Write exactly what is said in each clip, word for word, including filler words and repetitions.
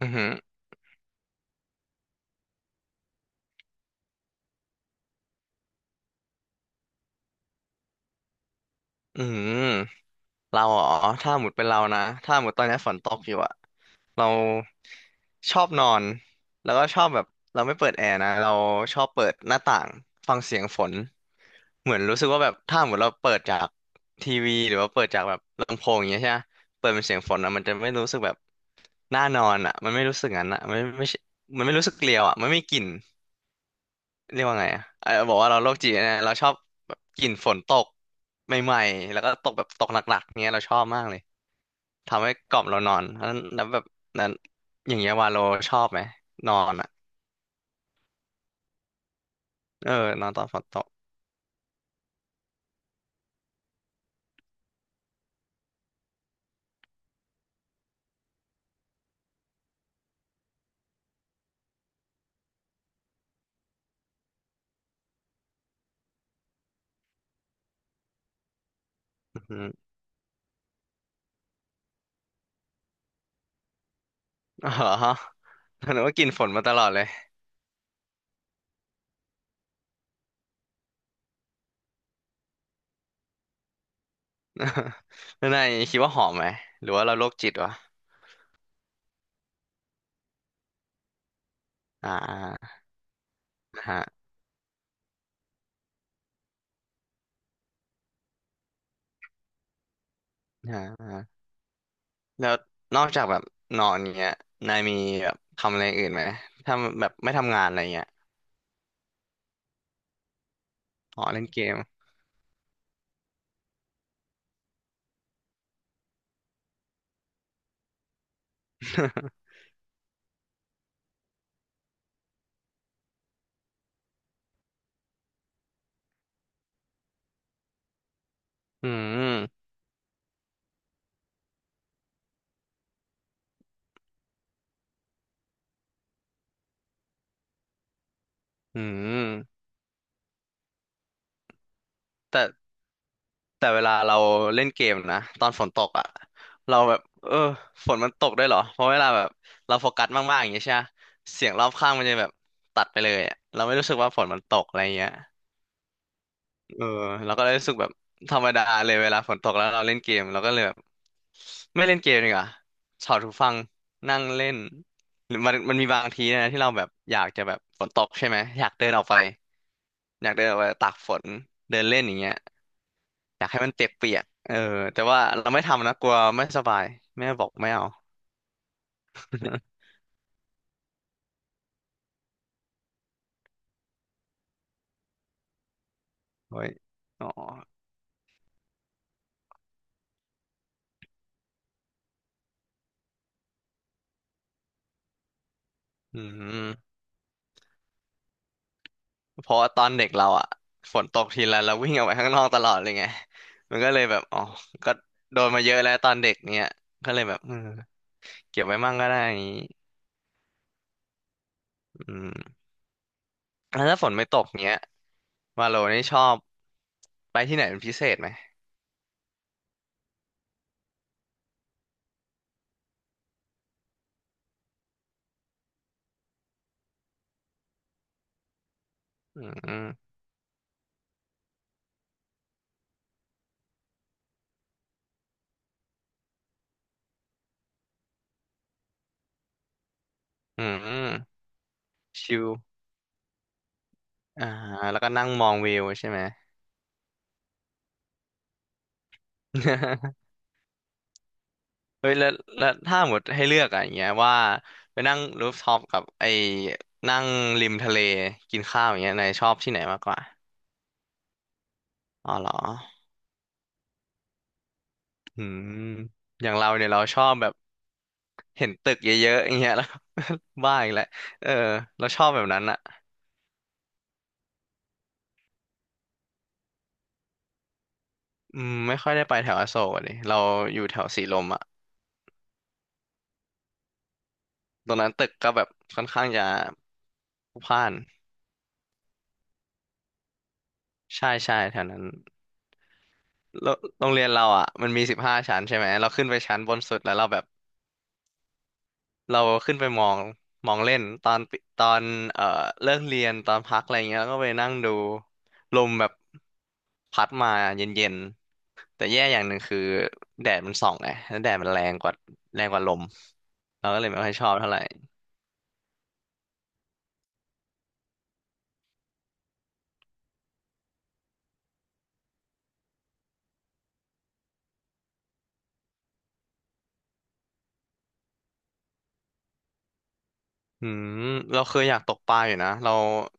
อือหืออือหือเราอ๋อถ้าหมดเป็นเรานะ ถ้าหมดตอนนี้ฝนตกอยู่อะเราชอบนอน แล้วก็ชอบแบบเราไม่เปิดแอร์นะเราชอบเปิดหน้าต่างฟังเสียงฝนเหมือนรู้สึกว่าแบบถ้าหมดเราเปิดจากทีวีหรือว่าเปิดจากแบบลำโพงอย่างเงี้ยใช่ไหมเปิดเป็นเสียงฝนอะมันจะไม่รู้สึกแบบน่านอนอะ มันไม่รู้สึกงั้นอะมันไม่ไม่ใช่มันไม่รู้สึกเกลียวอะมันไม่มีกลิ่น เรียกว่าไงอ่ะเออบอกว่าเราโรคจิตนะ เราชอบแบบกลิ่นฝนตกใหม่ๆ แล้วก็ตกแบบตกหนักๆเนี้ยเราชอบมากเลยทำให้กล่อมเรานอนแล้วแล้วแบบนั้นอย่างเงี้ยวาโลชอบไหมนอนอ่ะเออนอนตอนฝนตกอือหืออ๋อเหรอหนูว่ากลิ่นฝนมาตลอดเลย แล้วนายคิดว่าหอมไหมหรือว่าเราโรคจิตวะอ่าอ่าฮะอ่าฮะแล้วนอกจากแบบนอนเงี้ยนายมีแบบทำอะไรอื่นไหมทำแบบไม่ทำงานอะไรเงี้ยอ๋อเล่นเกม อืมอืมแต่แต่เวลาเราเล่นเกมนะตอนฝนตกอ่ะเราแบบเออฝนมันตกได้วยเหรอเพราะเวลาแบบเราโฟกัสมากๆอย่างเงี้ยใช่ไหมเสียงรอบข้างมันจะแบบตัดไปเลยอะเราไม่รู้สึกว่าฝนมันตกอะไรเงี้ยเออเราก็เลยรู้สึกแบบธรรมดาเลยเวลาฝนตกแล้วเราเล่นเกมเราก็เลยแบบไม่เล่นเกมดีกว่าถอดหูฟังนั่งเล่นหรือมันมันมีบางทีนะที่เราแบบอยากจะแบบฝนตกใช่ไหมอยากเดินออกไปอยากเดินออกไปตากฝนเดินเล่นอย่างเงี้ย อยากให้มันเปียกๆเออแต่ว่าเราไม่ทำนะกลัวไม่สบายแม่บอกไม่เอา โอ้ยอ๋ออืมเพราะว่าตอนเด็กเราอะฝนตกทีไรเราวิ่งออกไปข้างนอกตลอดเลยไงมันก็เลยแบบอ๋อก็โดนมาเยอะแล้วตอนเด็กเนี้ยก็เลยแบบเออเก็บไว้มั่งก็ได้อย่างนี้อืมแล้วถ้าฝนไม่ตกเนี้ยวาโลนี่ชอบไปที่ไหนเป็นพิเศษไหมอืมอืมชิลอ่าแล้วก็นั่งมองวิวใช่ไหม เฮ้ยแล้วแล้วถ้าหมดให้เลือกอะอย่างเงี้ยว่าไปนั่งรูฟท็อปกับไอ้นั่งริมทะเลกินข้าวอย่างเงี้ยนายชอบที่ไหนมากกว่าอ๋อเหรออืมอย่างเราเนี่ยเราชอบแบบเห็นตึกเยอะๆอย่างเงี้ยแล้ว บ้าอีกแล้วเออเราชอบแบบนั้นอะอืมไม่ค่อยได้ไปแถวอโศกอะดิเราอยู่แถวสีลมอะตรงนั้นตึกก็แบบค่อนข้างจะพลุกพล่านใช่ใช่แถวนั้นโรโรงเรียนเราอ่ะมันมีสิบห้าชั้นใช่ไหมเราขึ้นไปชั้นบนสุดแล้วเราแบบ เราขึ้นไปมองมองเล่น ตอนปิตอนเอ่อเลิกเรียน ตอนพักอะไรเงี้ยก็ไปนั่งดูลมแบบพัดมาเย็นๆ แต่แย่อย่างหนึ่งคือแดดมันส่องไงแล้วแดดมันแรงกว่าแรงกว่าลม เราก็เลยไม่ค่อยชอบเท่าไหร่ อืมเราเคยอยากตกปลาอยู่นะเรา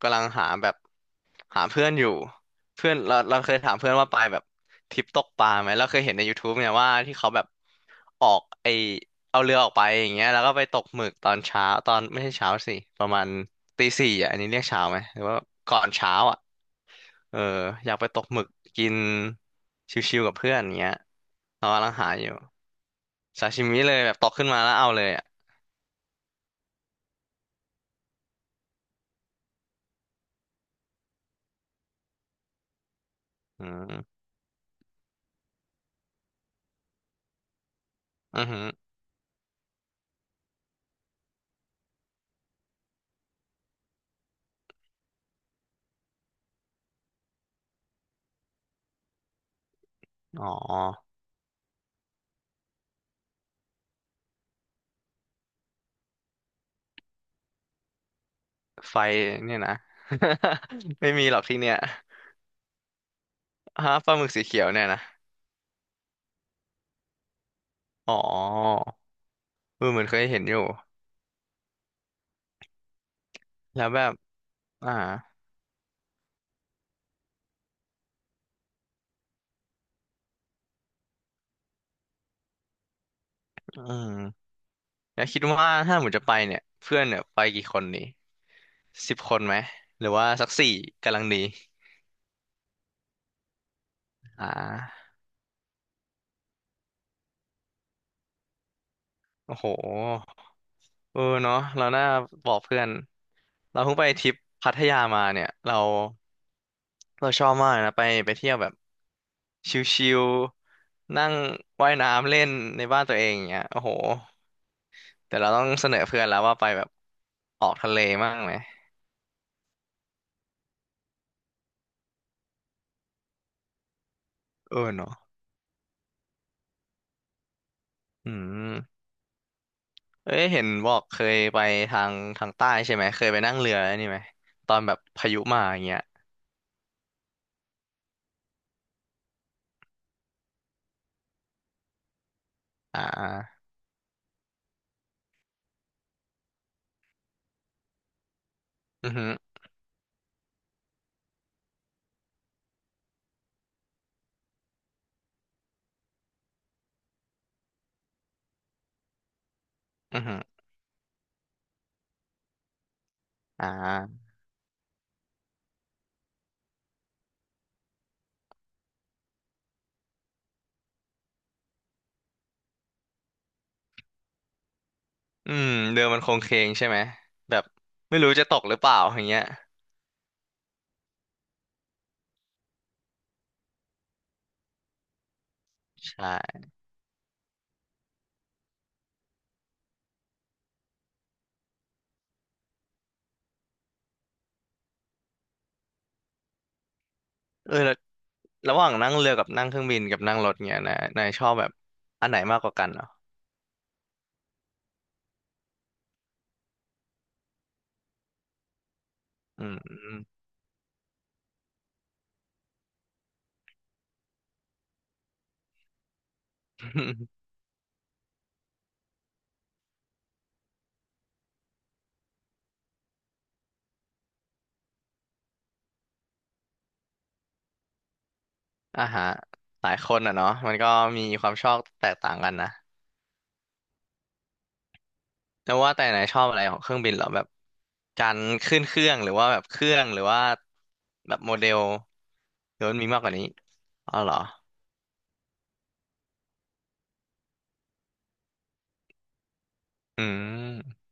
กำลังหาแบบหาเพื่อนอยู่เพื่อนเราเราเคยถามเพื่อนว่าไปแบบทริปตกปลาไหมเราเคยเห็นในย o ทูบเนี่ยว่าที่เขาแบบออกไอเอาเรือออกไปอย่างเงี้ยแล้วก็ไปตกหมึกตอนเช้าตอนไม่ใช่เช้าสิประมาณตีสี่อ่ะอันนี้เรียกเช้าไหมหรือว่าก่อนเช้าอ่ะเอออยากไปตกหมึกกินชิวๆกับเพื่อนอย่างเงี้ยเรากำลังหาอยู่ซาชิมิเลยแบบตกขึ้นมาแล้วเอาเลยอ่ะอืมอือหืออ๋อ ไฟเนี่ยนะ ไม่มีหรอกที่เนี่ยฮะปลาหมึกสีเขียวเนี่ยนะอ๋อเออเหมือนเคยเห็นอยู่แล้วแบบอ่าอืมแล้วคิดว่าถ้าหมูจะไปเนี่ยเพื่อนเนี่ยไปกี่คนนี่สิบคนไหมหรือว่าสักสี่กำลังดีอ่าโอ้โหเออเนาะเราน่าบอกเพื่อนเราเพิ่งไปทริปพัทยามาเนี่ยเรา เราชอบมากนะไปไปเที่ยวแบบชิลๆนั่งว่ายน้ำเล่นในบ้านตัวเองอย่างเงี้ยโอ้โหแต่เราต้องเสนอเพื่อนแล้วว่าไปแบบออกทะเลมั่งไหมเออเนาะอืมเอ้ยเห็นบอกเคยไปทางทางใต้ใช่ไหมเคยไปนั่งเรือนี่ไหมตอนแบบพายุมาอย่างเงี้ยอ่าอือหืออือหืออ่าอืมเรือมันโคงเคงใช่ไหมแบบไม่รู้จะตกหรือเปล่าอย่างเงี้ยใช่เออ ระหว่างนั่งเรือกับนั่งเครื่องบินกับนั่งรถเงี้ยนายนายชอบแบบอันไหนมากกว่ากันเหรออืม อ่าฮะหลายคนอ่ะเนาะมันก็มีความชอบแตกต่างกันนะแล้วว่าแต่นายชอบอะไรของเครื่องบินเหรอแบบการขึ้นเครื่องหรือว่าแบบเครื่องหรือว่าแบบโมเดลหรือมันมีมากกว่านี้อ๋อเหรออืม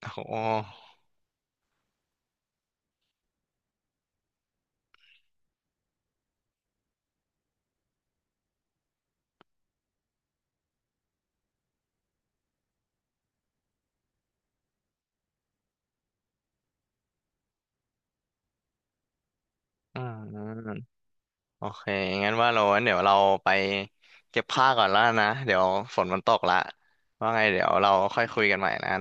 โอ้โหอืมโอเคงั้นว่าเรางั้นเดี๋ยวเราไปเก็บผ้าก่อนแล้วนะเดี๋ยวฝนมันตกละว่าไงเดี๋ยวเราค่อยคุยกันใหม่นะ